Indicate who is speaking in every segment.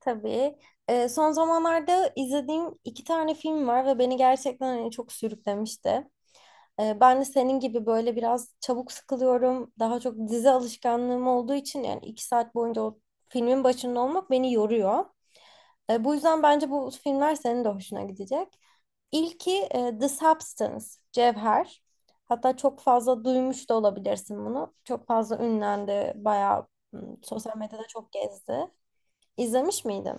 Speaker 1: Tabii. Son zamanlarda izlediğim iki tane film var ve beni gerçekten hani çok sürüklemişti. Ben de senin gibi böyle biraz çabuk sıkılıyorum. Daha çok dizi alışkanlığım olduğu için yani iki saat boyunca o filmin başında olmak beni yoruyor. Bu yüzden bence bu filmler senin de hoşuna gidecek. İlki The Substance, Cevher. Hatta çok fazla duymuş da olabilirsin bunu. Çok fazla ünlendi, bayağı sosyal medyada çok gezdi. İzlemiş miydin?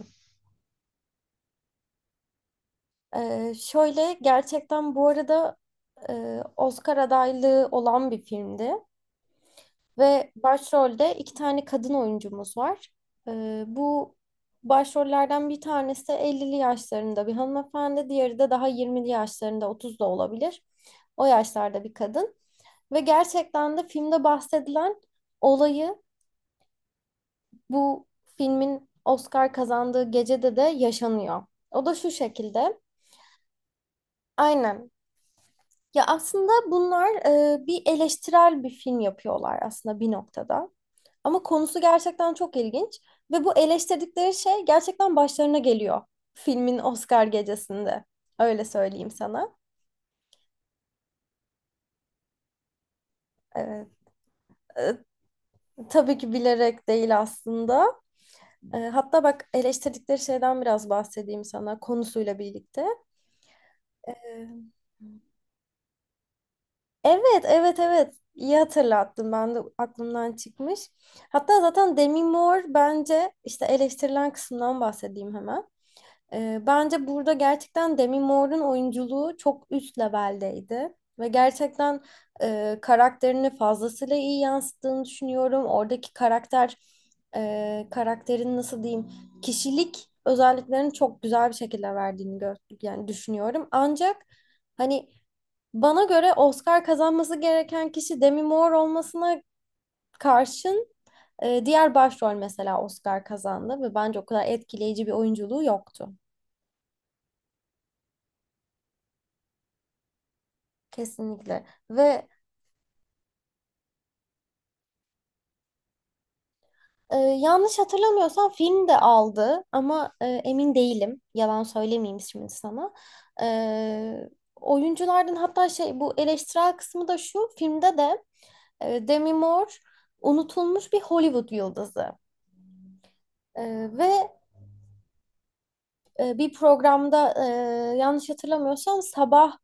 Speaker 1: Şöyle gerçekten bu arada Oscar adaylığı olan bir filmdi ve başrolde iki tane kadın oyuncumuz var. Bu başrollerden bir tanesi 50'li yaşlarında bir hanımefendi, diğeri de daha 20'li yaşlarında 30 da olabilir. O yaşlarda bir kadın ve gerçekten de filmde bahsedilen olayı bu filmin Oscar kazandığı gecede de yaşanıyor. O da şu şekilde. Aynen. Ya aslında bunlar bir eleştirel bir film yapıyorlar aslında bir noktada. Ama konusu gerçekten çok ilginç ve bu eleştirdikleri şey gerçekten başlarına geliyor filmin Oscar gecesinde. Öyle söyleyeyim sana. E, e, tabii ki bilerek değil aslında. Hatta bak eleştirdikleri şeyden biraz bahsedeyim sana konusuyla birlikte. E, Evet, evet, evet. İyi hatırlattın. Ben de aklımdan çıkmış. Hatta zaten Demi Moore bence işte eleştirilen kısımdan bahsedeyim hemen. Bence burada gerçekten Demi Moore'un oyunculuğu çok üst leveldeydi. Ve gerçekten karakterini fazlasıyla iyi yansıttığını düşünüyorum. Oradaki karakter, karakterin nasıl diyeyim, kişilik özelliklerini çok güzel bir şekilde verdiğini yani düşünüyorum. Ancak hani bana göre Oscar kazanması gereken kişi Demi Moore olmasına karşın diğer başrol mesela Oscar kazandı ve bence o kadar etkileyici bir oyunculuğu yoktu. Kesinlikle. Ve yanlış hatırlamıyorsam film de aldı ama emin değilim. Yalan söylemeyeyim şimdi sana. E, Oyunculardan hatta şey bu eleştirel kısmı da şu filmde de Demi Moore unutulmuş bir Hollywood yıldızı. E, ve bir programda yanlış hatırlamıyorsam sabahları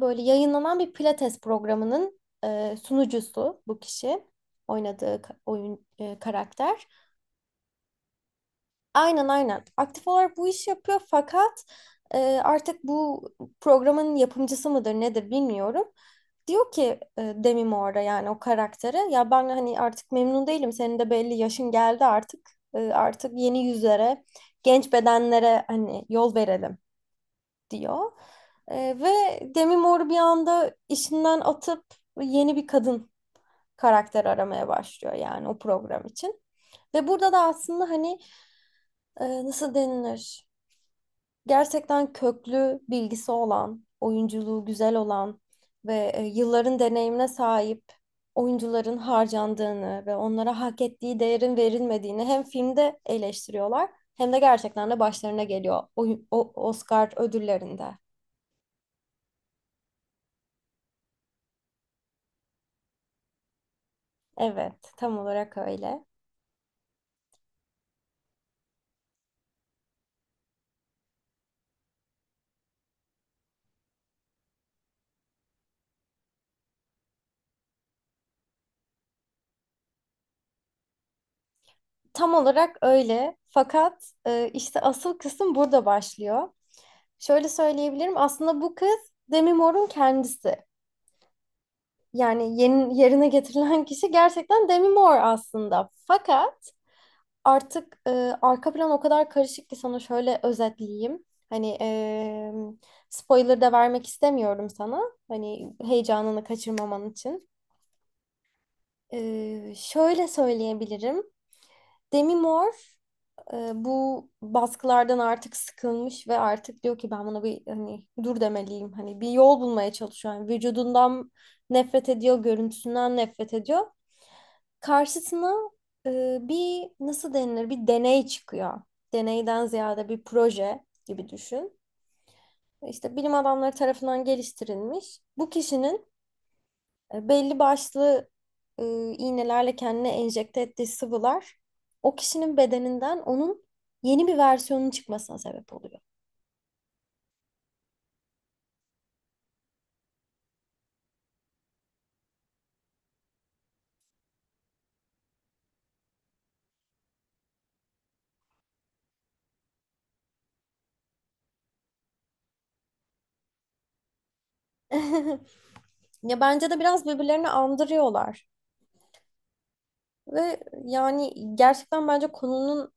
Speaker 1: böyle yayınlanan bir pilates programının sunucusu bu kişi. Oynadığı oyun karakter. Aynen aynen. Aktif olarak bu işi yapıyor fakat e, artık bu programın yapımcısı mıdır nedir bilmiyorum. Diyor ki Demi Moore'a yani o karaktere ya ben hani artık memnun değilim. Senin de belli yaşın geldi artık. Artık yeni yüzlere, genç bedenlere hani yol verelim diyor. Ve Demi Moore bir anda işinden atıp yeni bir kadın karakter aramaya başlıyor yani o program için. Ve burada da aslında hani nasıl denilir? Gerçekten köklü bilgisi olan, oyunculuğu güzel olan ve yılların deneyimine sahip oyuncuların harcandığını ve onlara hak ettiği değerin verilmediğini hem filmde eleştiriyorlar hem de gerçekten de başlarına geliyor o Oscar ödüllerinde. Evet, tam olarak öyle. Tam olarak öyle. Fakat işte asıl kısım burada başlıyor. Şöyle söyleyebilirim. Aslında bu kız Demi Moore'un kendisi. Yani yeni, yerine getirilen kişi gerçekten Demi Moore aslında. Fakat artık arka plan o kadar karışık ki sana şöyle özetleyeyim. Hani spoiler da vermek istemiyorum sana. Hani heyecanını kaçırmaman için. Şöyle söyleyebilirim. Demi Moore bu baskılardan artık sıkılmış ve artık diyor ki ben buna bir hani dur demeliyim. Hani bir yol bulmaya çalışıyor. Yani vücudundan nefret ediyor, görüntüsünden nefret ediyor. Karşısına bir nasıl denilir bir deney çıkıyor. Deneyden ziyade bir proje gibi düşün. İşte bilim adamları tarafından geliştirilmiş. Bu kişinin belli başlı e, iğnelerle kendine enjekte ettiği sıvılar o kişinin bedeninden onun yeni bir versiyonun çıkmasına sebep oluyor. Ya bence de biraz birbirlerini andırıyorlar. Ve yani gerçekten bence konunun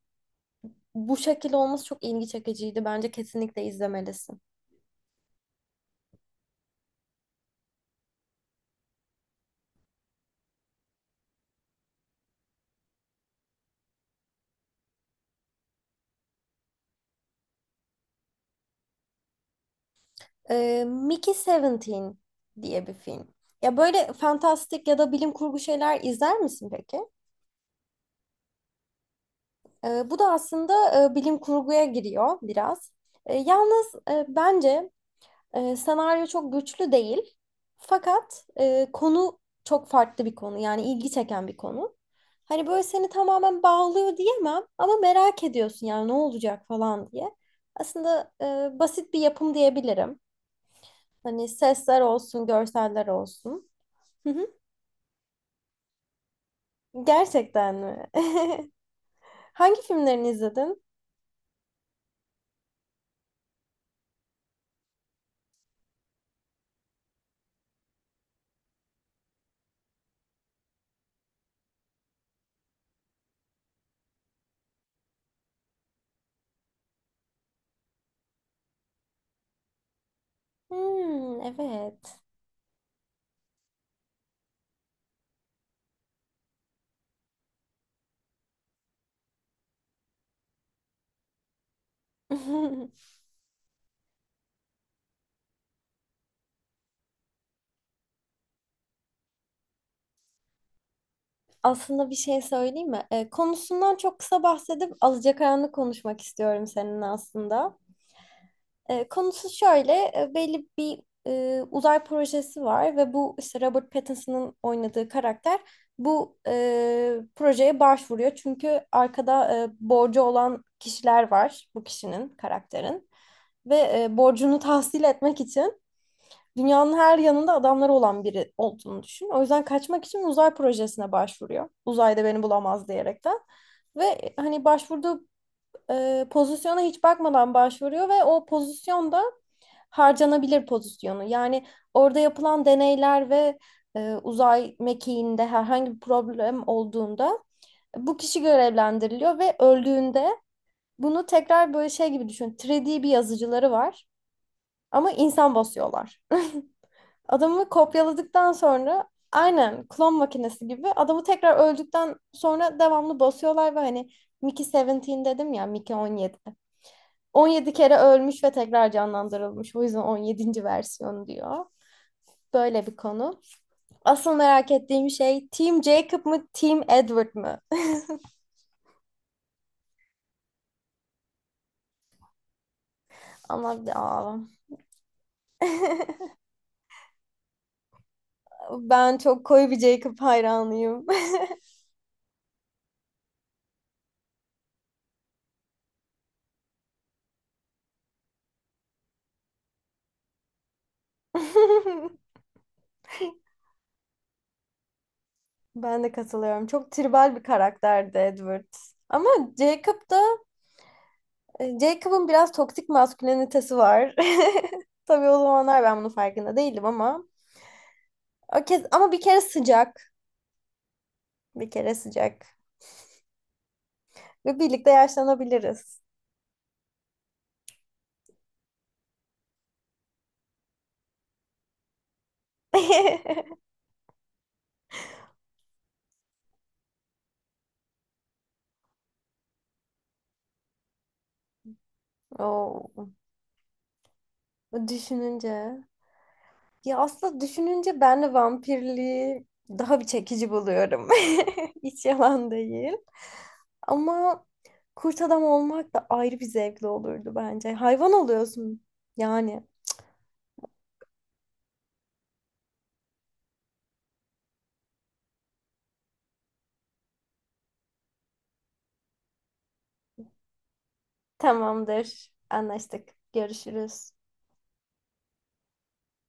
Speaker 1: bu şekilde olması çok ilgi çekiciydi. Bence kesinlikle izlemelisin. Mickey Seventeen diye bir film. Ya böyle fantastik ya da bilim kurgu şeyler izler misin peki? Bu da aslında bilim kurguya giriyor biraz. Yalnız bence senaryo çok güçlü değil. Fakat konu çok farklı bir konu. Yani ilgi çeken bir konu. Hani böyle seni tamamen bağlıyor diyemem ama merak ediyorsun yani ne olacak falan diye. Aslında basit bir yapım diyebilirim. Hani sesler olsun, görseller olsun. Hı hı. Gerçekten mi? Hangi filmlerini izledin? Hmm, evet. Aslında bir şey söyleyeyim mi? Konusundan çok kısa bahsedip alacakaranlık konuşmak istiyorum seninle aslında. Konusu şöyle, belli bir uzay projesi var ve bu işte Robert Pattinson'ın oynadığı karakter bu projeye başvuruyor. Çünkü arkada borcu olan kişiler var bu kişinin, karakterin. Ve borcunu tahsil etmek için dünyanın her yanında adamları olan biri olduğunu düşün. O yüzden kaçmak için uzay projesine başvuruyor. Uzayda beni bulamaz diyerekten. Ve hani başvurduğu pozisyona hiç bakmadan başvuruyor ve o pozisyonda harcanabilir pozisyonu. Yani orada yapılan deneyler ve uzay mekiğinde herhangi bir problem olduğunda bu kişi görevlendiriliyor ve öldüğünde bunu tekrar böyle şey gibi düşün. 3D bir yazıcıları var ama insan basıyorlar. Adamı kopyaladıktan sonra aynen klon makinesi gibi adamı tekrar öldükten sonra devamlı basıyorlar ve hani Mickey 17 dedim ya Mickey 17. 17 kere ölmüş ve tekrar canlandırılmış. O yüzden 17'nci versiyon diyor. Böyle bir konu. Asıl merak ettiğim şey Team Jacob mı Team Edward mı? Ama ya, ben çok koyu bir Jacob hayranıyım. Ben de katılıyorum. Çok tribal bir karakterdi Edward. Ama Jacob da Jacob'ın biraz toksik maskülenitesi var. Tabii o zamanlar ben bunun farkında değildim ama o kez ama bir kere sıcak ve birlikte yaşlanabiliriz. Oo, düşününce ya aslında düşününce ben de vampirliği daha bir çekici buluyorum. Hiç yalan değil. Ama kurt adam olmak da ayrı bir zevkli olurdu bence. Hayvan oluyorsun yani. Tamamdır. Anlaştık. Görüşürüz.